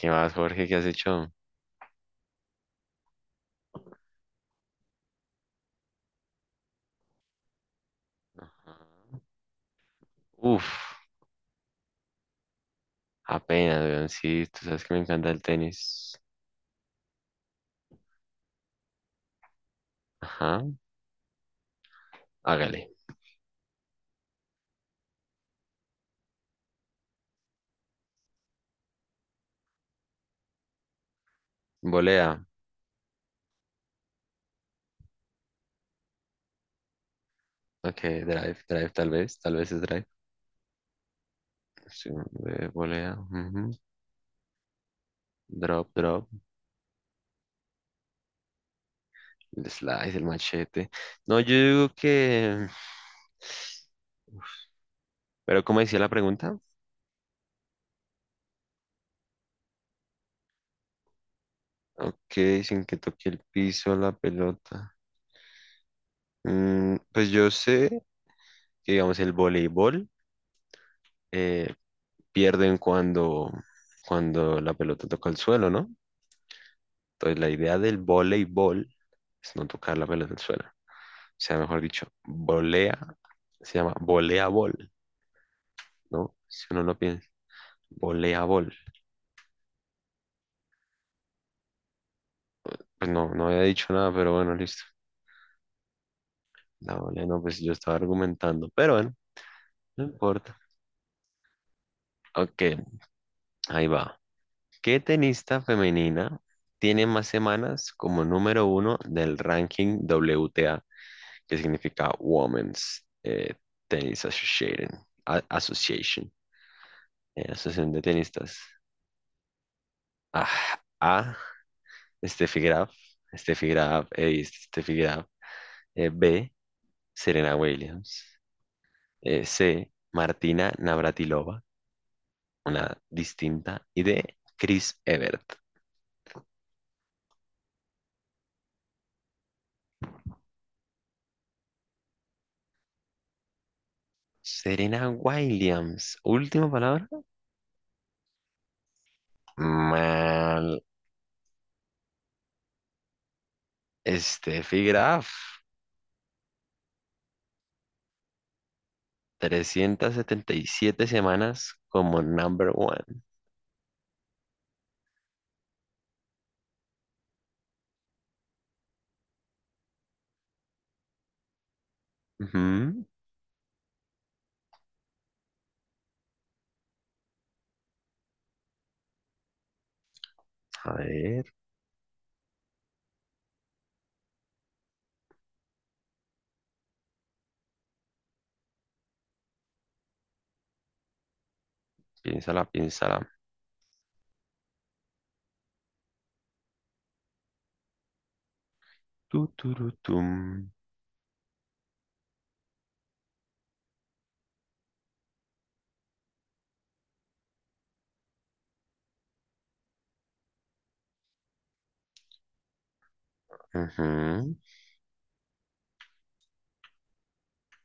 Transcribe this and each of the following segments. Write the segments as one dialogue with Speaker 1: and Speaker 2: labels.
Speaker 1: ¿Qué más, Jorge? ¿Qué has hecho? Ajá. Uf, apenas, weón. Sí, tú sabes que me encanta el tenis. Ajá, hágale. Volea. Ok, drive, drive, tal vez. Tal vez es drive. Sí, volea. Ujú. Drop, drop. El slice, el machete. No, yo digo que. Pero, ¿cómo decía la pregunta? Ok, sin que toque el piso la pelota. Pues yo sé que, digamos, el voleibol. eh, Pierden cuando la pelota toca el suelo, ¿no? Entonces la idea del voleibol es no tocar la pelota al suelo. O sea, mejor dicho, volea, se llama voleabol, ¿no? Si uno lo piensa, voleabol. Pues no, no había dicho nada, pero bueno, listo. La volea, no, pues yo estaba argumentando, pero bueno, no importa. Ok, ahí va. ¿Qué tenista femenina tiene más semanas como número uno del ranking WTA? Que significa Women's Tennis Association, Association, Asociación de Tenistas. Ah, A, Steffi Graf, Steffi Graf, Steffi Graf. B, Serena Williams. C, Martina Navratilova, una distinta. Y D, Chris Evert. Serena Williams, última palabra. Mal. Steffi Graf, 377 semanas como number one. Ujú. A ver, piénsala, piénsala. Tu, turutum. Ujú.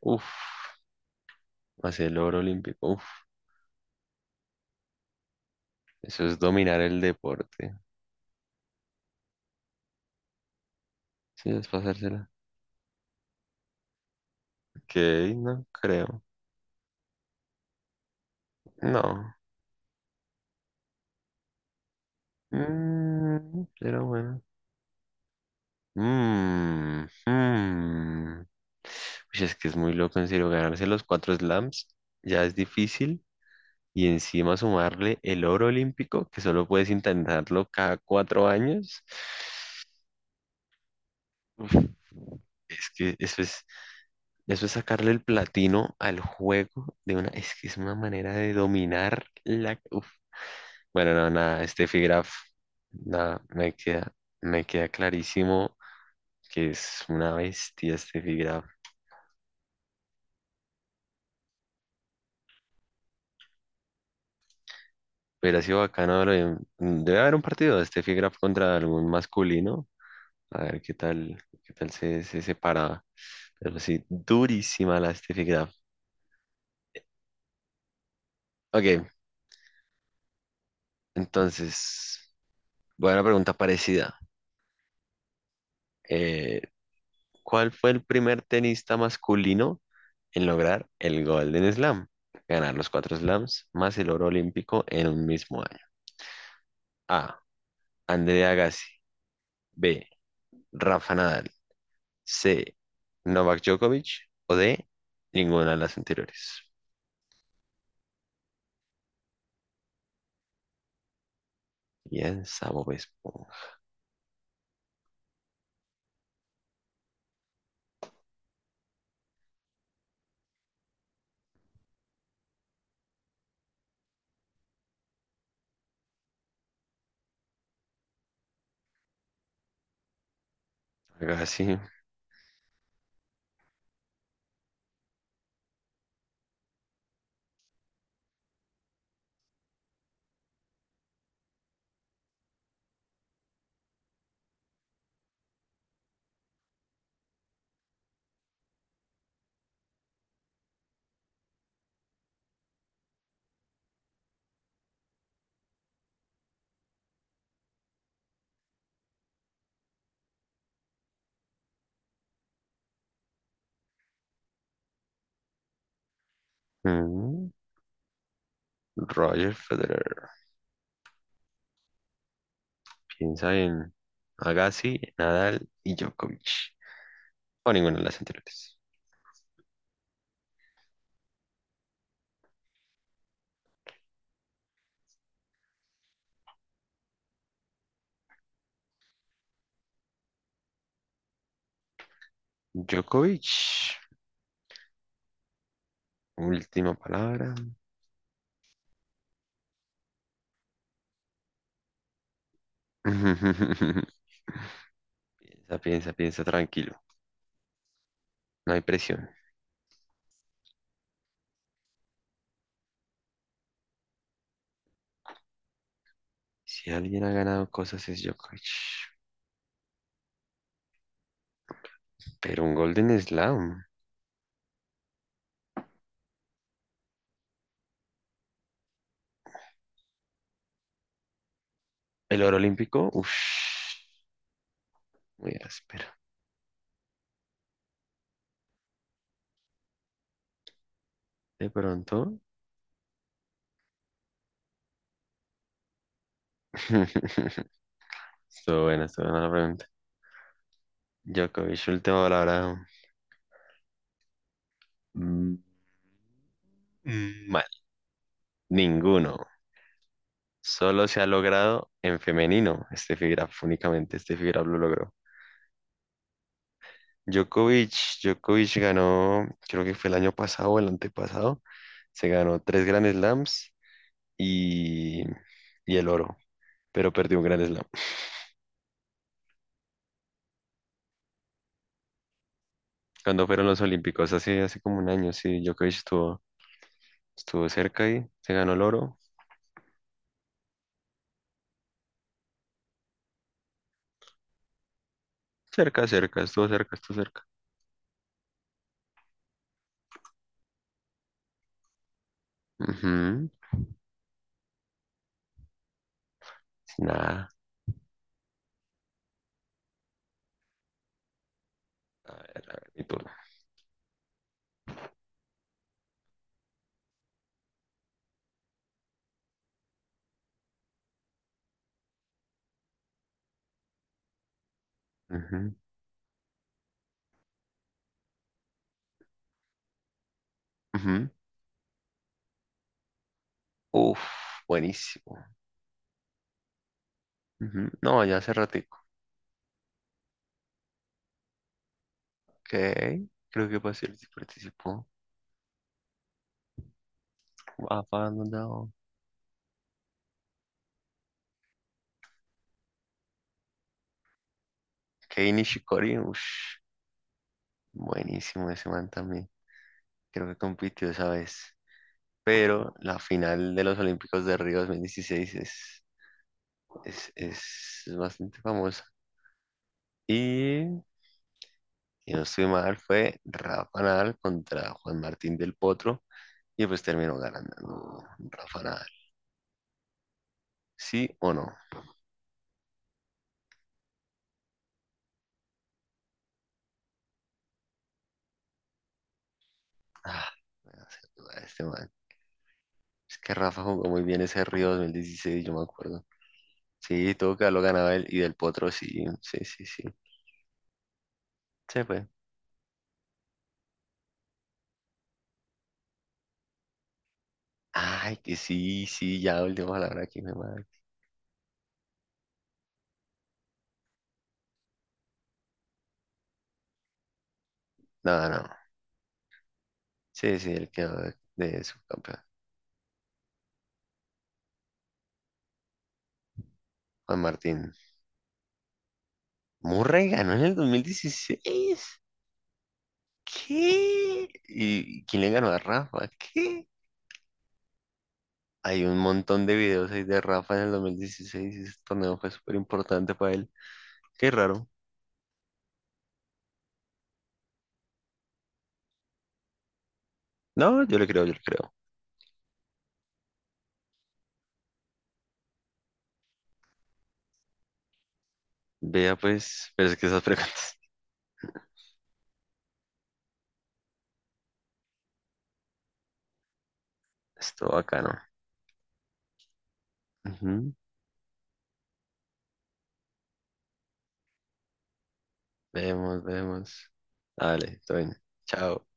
Speaker 1: Uf, hacer el oro olímpico. Uf, eso es dominar el deporte. Sí, es pasársela. Ok, no creo. No. Pero bueno. Mm, mm. Uy, es que es muy loco, en serio, ganarse los cuatro slams ya es difícil. Y encima sumarle el oro olímpico, que solo puedes intentarlo cada cuatro años. Uf, es que eso es sacarle el platino al juego de una, es que es una manera de dominar la, uf. Bueno, no, nada, Steffi Graf, nada, me queda clarísimo que es una bestia Steffi Graf. Hubiera sido bacano, debe haber un partido de este Graf contra algún masculino, a ver qué tal se separa. Pero sí, durísima la Steffi Graf. Ok, entonces, voy a una pregunta parecida. eh, ¿Cuál fue el primer tenista masculino en lograr el Golden Slam? Ganar los cuatro slams más el oro olímpico en un mismo año. A. Andrea Agassi. B. Rafa Nadal. C. Novak Djokovic. O D. Ninguna de las anteriores. Piensa Bob Esponja. Agassi. mm, Roger Federer. Piensa en Agassi, Nadal y Djokovic. O ninguna de las anteriores. Djokovic. Última palabra. Piensa, piensa, piensa tranquilo. No hay presión. Si alguien ha ganado cosas es Djokovic. Pero un Golden Slam. El oro olímpico, uff, muy áspero. De pronto. Estuvo buena la pregunta. Djokovic, última palabra. Mm, mm. Mal. Ninguno. Solo se ha logrado en femenino. Este fibra únicamente este fibra lo logró. Djokovic, Djokovic ganó, creo que fue el año pasado o el antepasado, se ganó tres Grand Slams y, y el oro, pero perdió un Grand Slam. Cuando fueron los Olímpicos, hace como un año, sí, Djokovic estuvo cerca y se ganó el oro. Cerca, cerca, estuvo cerca, estuvo cerca. Ujú. Nada. A ver, mi turno. Ujú, ujú. Uf, buenísimo. Ujú. No, ya hace ratico. Ok, creo que participó, participó. Ah, Kei Nishikori, ush, buenísimo ese man también. Creo que compitió esa vez. Pero la final de los Olímpicos de Río 2016 es bastante famosa. Y, si no estoy mal, fue Rafa Nadal contra Juan Martín del Potro. Y pues terminó ganando, ¿no? Rafa Nadal. ¿Sí o no? Ah, me hace dudar este man. Es que Rafa jugó muy bien ese Río 2016, yo me acuerdo. Sí, todo que lo ganaba él y del Potro, sí, sí, sí, sí. Se fue. Ay, que sí, sí, ya última palabra aquí, mi madre. No, no. Sí, sí, el que de subcampeón. Juan Martín. Murray ganó en el 2016. ¿Qué? ¿Y quién le ganó a Rafa? ¿Qué? Hay un montón de videos ahí de Rafa en el 2016 y ese torneo fue súper importante para él. Qué raro. No, yo le creo, yo le creo. Vea pues, pero es que esas preguntas. Estuvo bacano. Ujú. Vemos, vemos. Dale, todo bien. Chao.